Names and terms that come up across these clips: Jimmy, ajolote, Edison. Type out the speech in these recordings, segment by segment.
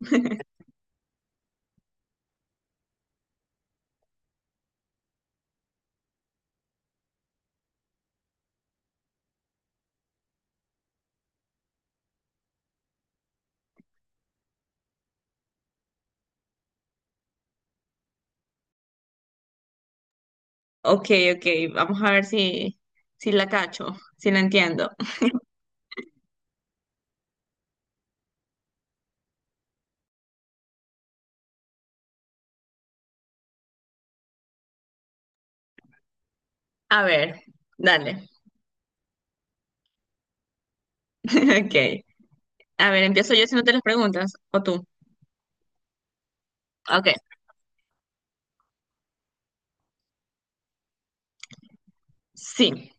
Ok, ok, vamos a ver si, si la cacho, si la entiendo. A ver, dale. Ok. A ver, empiezo yo si no te las preguntas, o tú. Ok. Sí,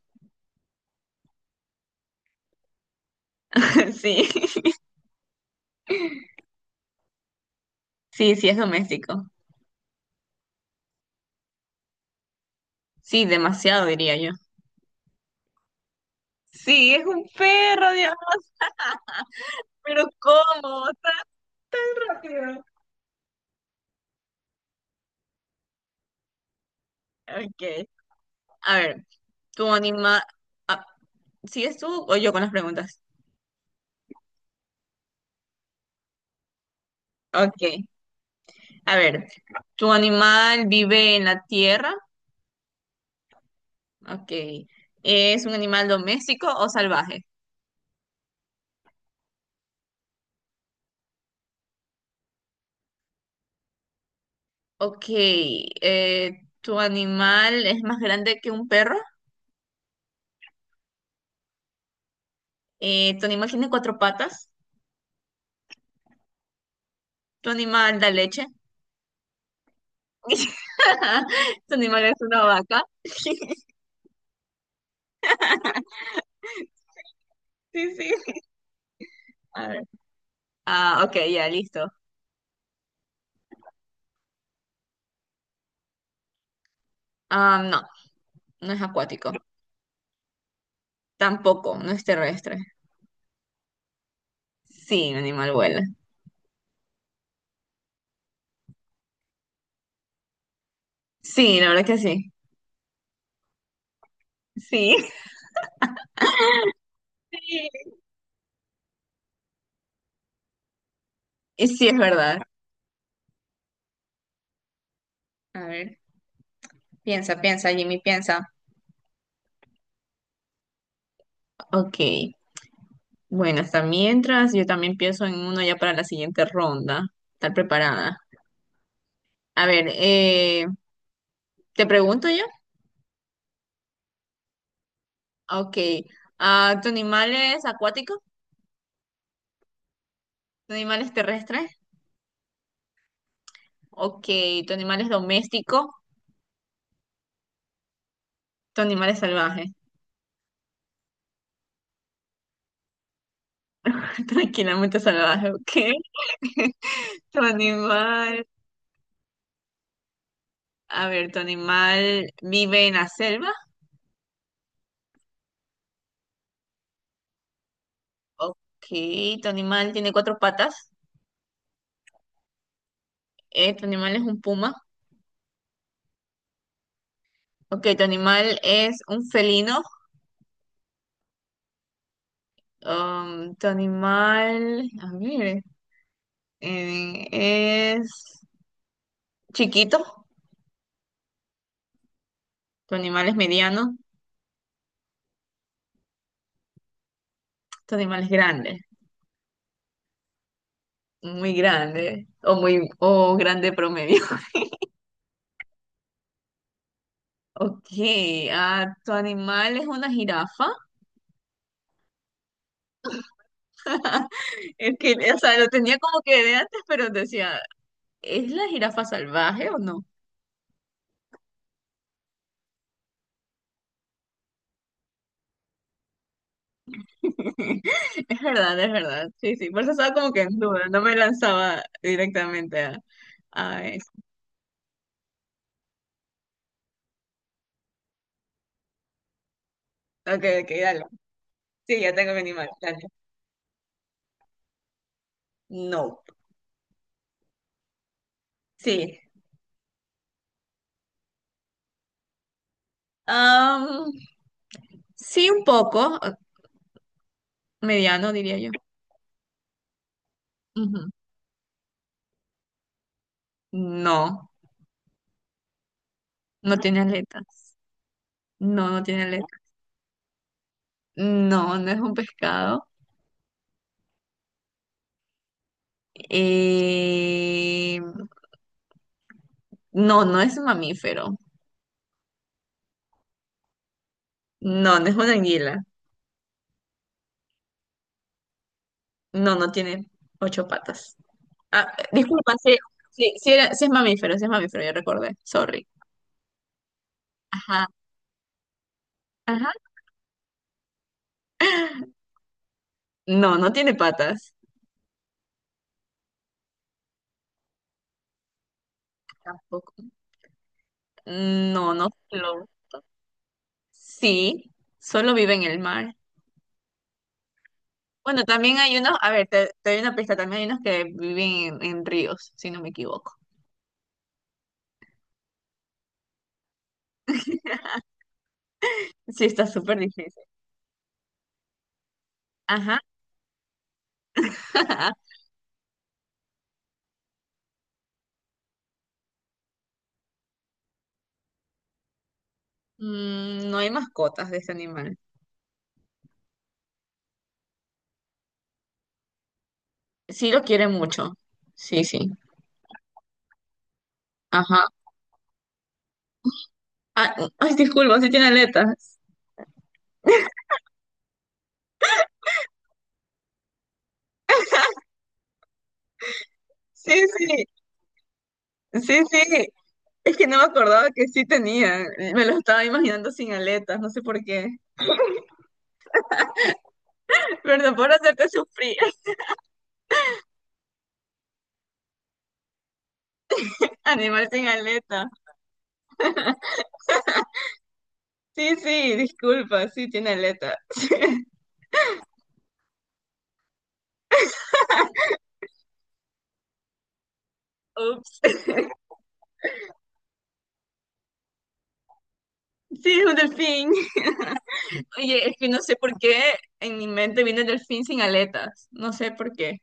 sí, sí, es doméstico. Sí, demasiado diría yo. Sí, es un perro, Dios, pero ¿cómo? Tan rápido. Ok. A ver, tu animal. ¿Sigues tú o yo con las preguntas? Ok. A ver, ¿tu animal vive en la tierra? Ok. ¿Es un animal doméstico o salvaje? Ok. ¿Tu animal es más grande que un perro? ¿Tu animal tiene cuatro patas? ¿Tu animal da leche? ¿Tu animal es una vaca? Sí, sí. A ver. Ah, ok, ya, listo. Ah, no, no es acuático. Tampoco, no es terrestre. Sí, un animal vuela. Sí, la verdad que sí. Sí. Y sí, es verdad. A ver, piensa, piensa, Jimmy, piensa. Ok. Bueno, hasta mientras yo también pienso en uno ya para la siguiente ronda. Estar preparada. A ver, ¿te pregunto yo? Ok. Ah, ¿tu animal es acuático? ¿Tu animal es terrestre? Ok. ¿Tu animal es doméstico? ¿Tu animal es salvaje? Tranquilamente salvaje, ok. ¿Tu animal... A ver, ¿tu animal vive en la selva? Ok. ¿Tu animal tiene cuatro patas? ¿Tu animal es un puma? Ok. ¿Tu animal es un felino? Tu animal, a ver, es chiquito, tu animal es mediano, tu animal es grande, muy grande, o muy, o grande promedio. Ok, ah, tu animal es una jirafa. Es que, o sea, lo tenía como que de antes, pero decía, ¿es la jirafa salvaje o no? Es verdad, es verdad. Sí, sí, por eso estaba como que en duda, no me lanzaba directamente a eso. Ok, ok, dale. Sí, ya tengo mi animal, dale. No. Sí. Am, sí, un poco. Eh, mediano, diría yo. Ujú. No, no tiene aletas. No, no tiene aletas. No, no es un pescado. Eh, no, no es un mamífero. No, no es una anguila. No, no tiene ocho patas. Ah, disculpa, sí, sí era- sí es mamífero, ya recordé. Sorry. Ajá, ajá. No, no tiene patas. Tampoco. No, no. Sí, solo vive en el mar. Bueno, también hay unos, a ver, te doy una pista, también hay unos que viven en ríos, si no me equivoco. Sí, está súper difícil. Ajá. Mm, no hay mascotas de este animal. Sí lo quiere mucho. Sí, sí. Ajá. Ah, ay, disculpa, sí tiene aletas. Sí, sí, sí. Es que no me acordaba que sí tenía. Me lo estaba imaginando sin aletas, no sé por qué. Perdón por hacerte sufrir. Animal sin aleta. Sí, sí, disculpa, sí tiene aleta. Ups. Sí, es un delfín. Oye, es que no sé por qué en mi mente viene el delfín sin aletas. No sé por qué.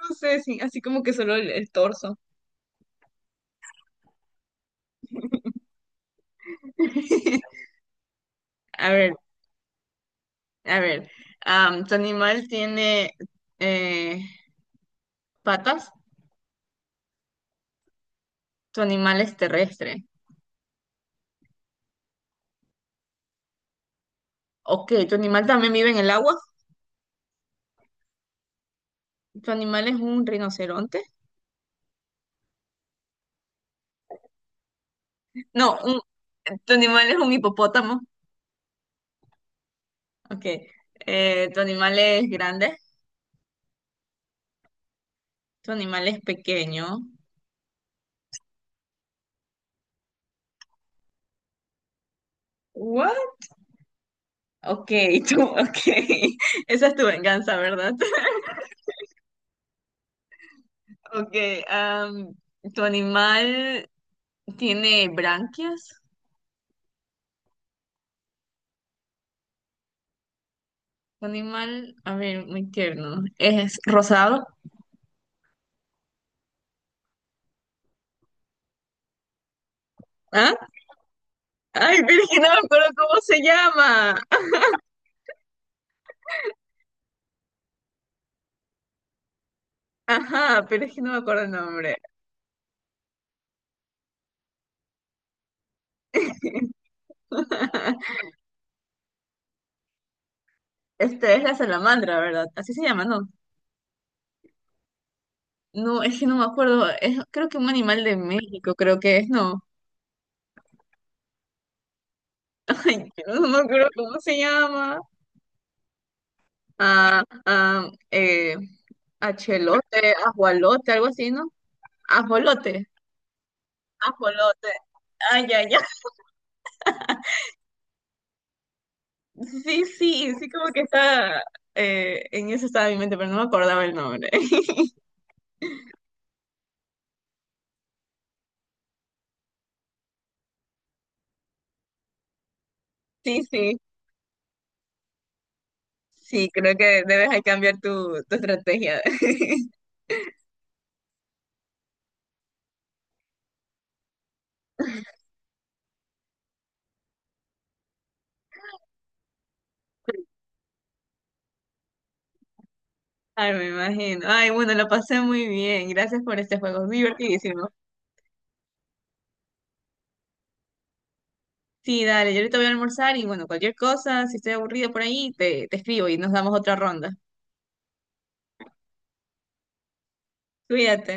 No sé, sí, así como que solo el torso. A ver, a ver. Am, ¿tu animal tiene eh, patas? ¿Tu animal es terrestre? Ok, ¿tu animal también vive en el agua? ¿Tu animal es un rinoceronte? No, un- tu animal es un hipopótamo. Ok. ¿Tu animal es grande? Tu animal es pequeño. What? Ok, tú, ok. Esa es tu venganza, ¿verdad? Ok, am, tu animal tiene branquias. Tu animal, a ver, muy tierno. Es rosado. ¿Ah? Ay, pero es que no me acuerdo cómo se llama. Ajá, pero es que no me acuerdo el nombre. Este es la salamandra, ¿verdad? Así se llama, ¿no? No, es que no me acuerdo. Es, creo que un animal de México, creo que es, no. Ay, no me acuerdo cómo se llama. A, a achelote, ajualote, algo así, ¿no? Ajolote, ajolote, ay, ay, ay. Sí, sí, sí, como que está, en eso estaba mi mente, pero no me acordaba el nombre. Sí, sí, creo que debes ahí cambiar tu, tu estrategia. Ay, me imagino. Ay, bueno, lo pasé muy bien. Gracias por este juego, es divertidísimo. Sí, dale, yo ahorita voy a almorzar y bueno, cualquier cosa, si estoy aburrido por ahí, te escribo y nos damos otra ronda. Cuídate.